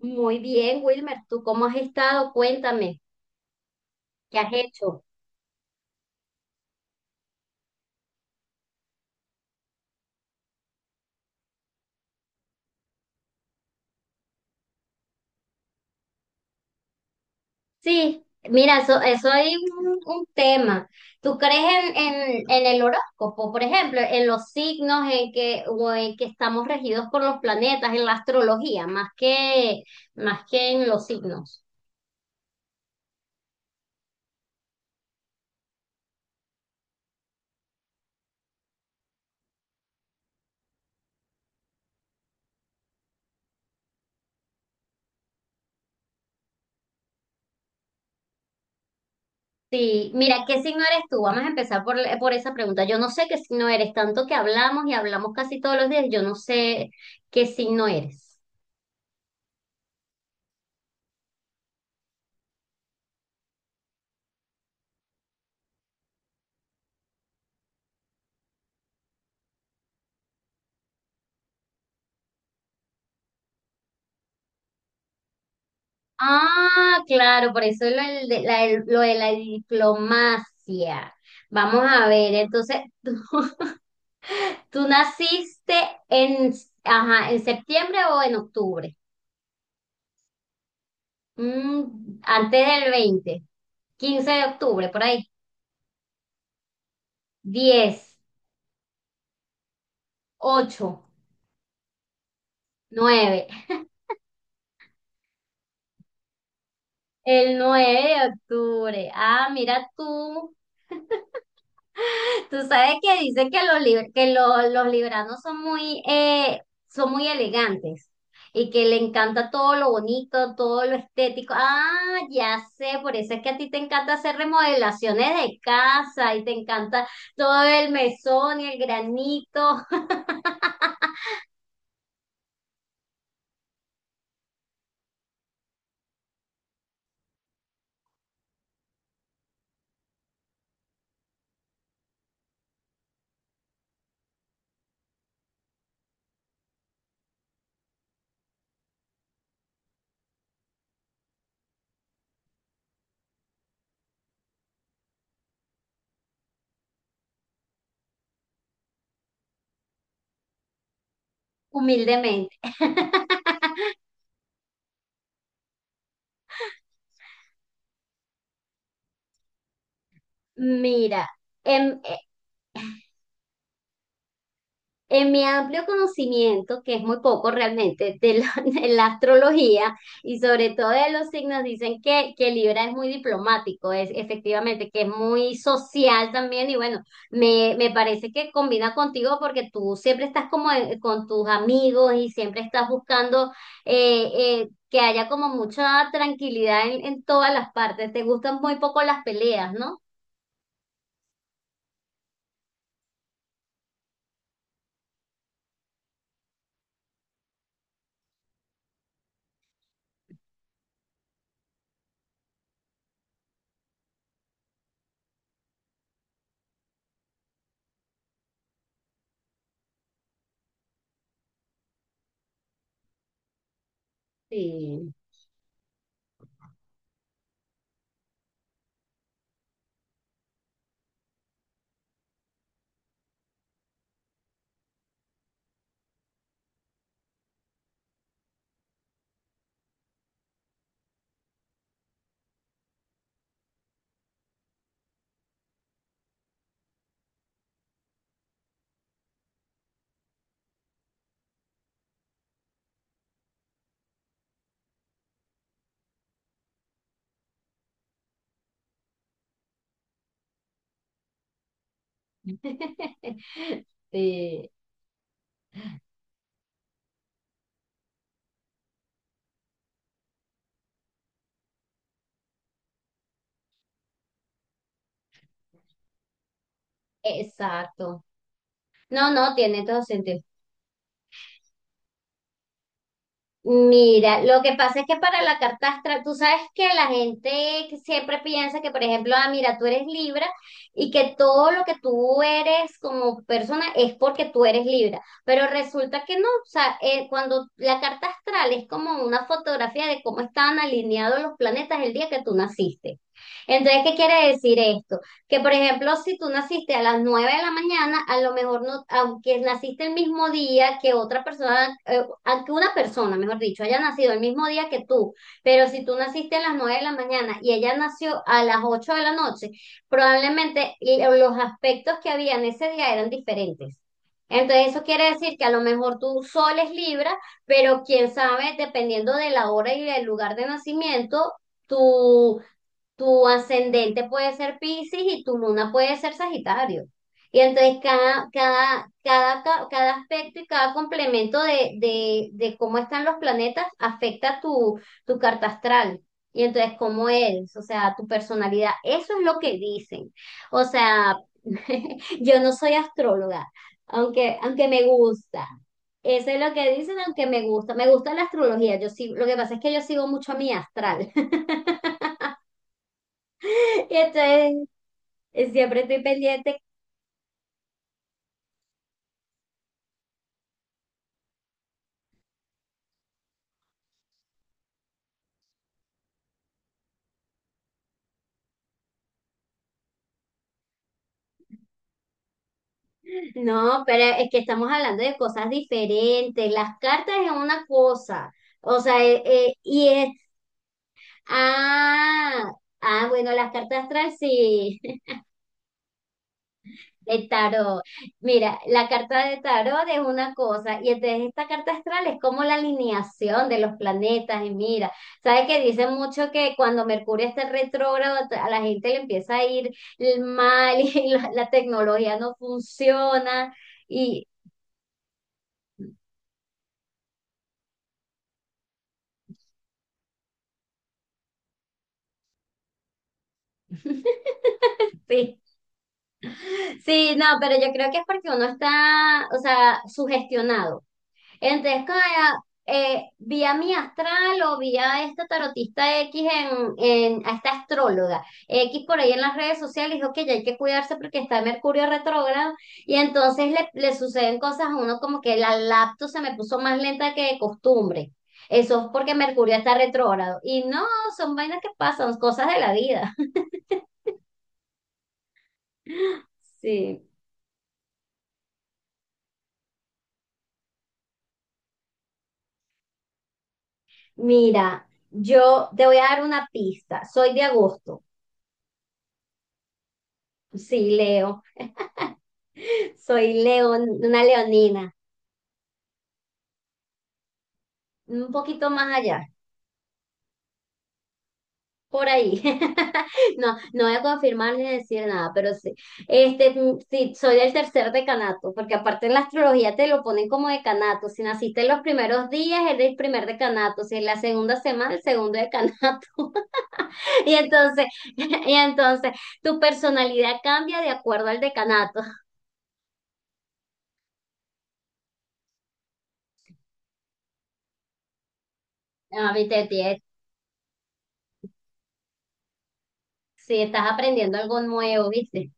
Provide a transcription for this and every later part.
Muy bien, Wilmer, ¿tú cómo has estado? Cuéntame, ¿qué has hecho? Sí, mira, eso hay un tema. ¿Tú crees en el horóscopo, por ejemplo, en los signos en que, o en que estamos regidos por los planetas, en la astrología, más que en los signos? Sí, mira, ¿qué signo eres tú? Vamos a empezar por esa pregunta. Yo no sé qué signo eres, tanto que hablamos y hablamos casi todos los días, yo no sé qué signo eres. Ah, claro, por eso lo de la diplomacia. Vamos a ver, entonces, ¿tú, tú naciste en, ajá, en septiembre o en octubre? Mm, antes del 20, 15 de octubre, por ahí. 10, 8, 9. El 9 de octubre. Ah, mira tú. Tú sabes que dicen que los libranos son muy elegantes y que le encanta todo lo bonito, todo lo estético. Ah, ya sé, por eso es que a ti te encanta hacer remodelaciones de casa y te encanta todo el mesón y el granito, humildemente. Mira, em, eh, En mi amplio conocimiento, que es muy poco realmente, de la astrología y sobre todo de los signos, dicen que Libra es muy diplomático, es efectivamente, que es muy social también y bueno, me parece que combina contigo porque tú siempre estás como con tus amigos y siempre estás buscando eh, que haya como mucha tranquilidad en todas las partes. Te gustan muy poco las peleas, ¿no? Sí. Sí, exacto. No, no, tiene todo sentido. Mira, lo que pasa es que para la carta astral, tú sabes que la gente que siempre piensa que, por ejemplo, ah, mira, tú eres Libra y que todo lo que tú eres como persona es porque tú eres Libra, pero resulta que no, o sea, cuando la carta astral es como una fotografía de cómo estaban alineados los planetas el día que tú naciste. Entonces, ¿qué quiere decir esto? Que por ejemplo, si tú naciste a las 9 de la mañana, a lo mejor no, aunque naciste el mismo día que otra persona, aunque una persona, mejor dicho, haya nacido el mismo día que tú, pero si tú naciste a las 9 de la mañana y ella nació a las 8 de la noche, probablemente los aspectos que había en ese día eran diferentes. Entonces eso quiere decir que a lo mejor tu sol es Libra, pero quién sabe, dependiendo de la hora y del lugar de nacimiento, tu tu ascendente puede ser Piscis y tu luna puede ser Sagitario. Y entonces cada aspecto y cada complemento de cómo están los planetas afecta tu carta astral. Y entonces cómo eres, o sea, tu personalidad. Eso es lo que dicen. O sea, yo no soy astróloga, aunque me gusta. Eso es lo que dicen, aunque me gusta. Me gusta la astrología. Lo que pasa es que yo sigo mucho a mi astral. Y entonces siempre estoy pendiente. No, pero es que estamos hablando de cosas diferentes. Las cartas es una cosa. O sea, y es. Ah, ah, bueno, las cartas astrales sí, de tarot. Mira, la carta de tarot es una cosa. Y entonces esta carta astral es como la alineación de los planetas. Y mira, ¿sabes que dicen mucho que cuando Mercurio está retrógrado, a la gente le empieza a ir mal y la tecnología no funciona? Y, Sí, sí, no, pero yo creo que es porque uno está, o sea, sugestionado. Entonces, como, vi a mi astral o vi a esta tarotista X a esta astróloga X por ahí en las redes sociales, dijo que ya hay que cuidarse porque está Mercurio retrógrado y entonces le suceden cosas a uno como que la laptop se me puso más lenta que de costumbre. Eso es porque Mercurio está retrógrado. Y no, son vainas que pasan, cosas de la vida. Sí. Mira, yo te voy a dar una pista. Soy de agosto. Sí, Leo. Soy león, una leonina. Un poquito más allá. Por ahí. No, no voy a confirmar ni decir nada, pero sí. Sí, soy del tercer decanato, porque aparte en la astrología te lo ponen como decanato. Si naciste en los primeros días, eres el primer decanato. Si en la segunda semana, el segundo decanato. Y entonces, y entonces, tu personalidad cambia de acuerdo al decanato. Ah, viste, tía, si estás aprendiendo algo nuevo, ¿viste?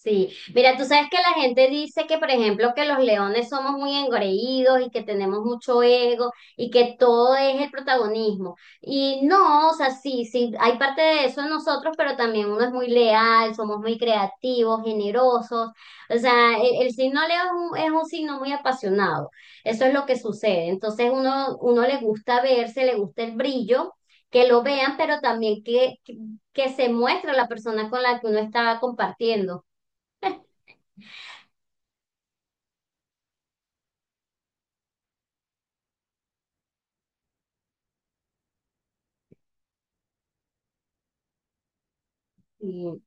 Sí, mira, tú sabes que la gente dice que, por ejemplo, que los leones somos muy engreídos y que tenemos mucho ego y que todo es el protagonismo. Y no, o sea, sí, sí, hay parte de eso en nosotros, pero también uno es muy leal, somos muy creativos, generosos. O sea, el signo Leo es un, signo muy apasionado. Eso es lo que sucede. Entonces, uno le gusta verse, le gusta el brillo, que lo vean, pero también que se muestre la persona con la que uno está compartiendo. Sí,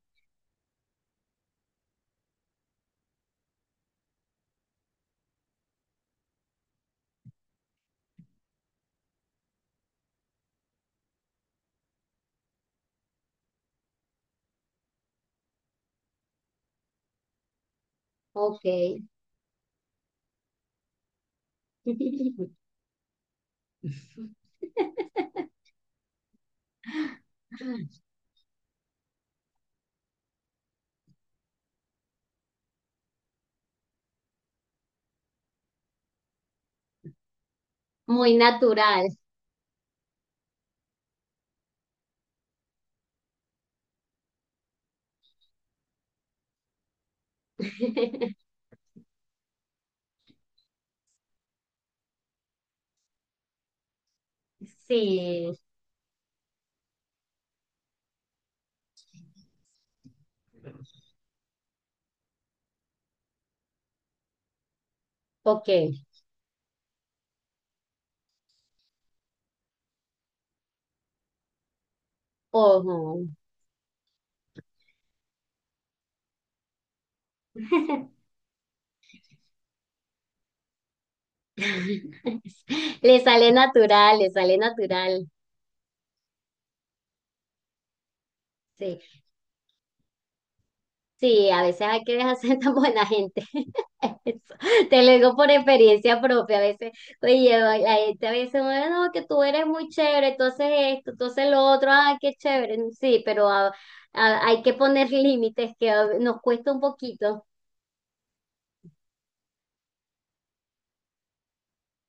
ok. Muy natural. Sí, ok. Ojo. Le sale natural, le sale natural. Sí, sí, a veces hay que dejar ser tan buena gente. Eso, te lo digo por experiencia propia. A veces, oye, la gente a veces, bueno, no, que tú eres muy chévere, entonces esto, entonces lo otro, ah, qué chévere. Sí, pero hay que poner límites que nos cuesta un poquito.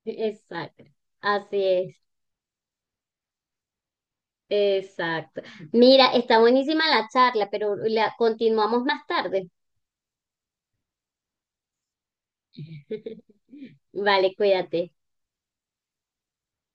Exacto, así es, exacto. Mira, está buenísima la charla, pero la continuamos más tarde. Vale, cuídate.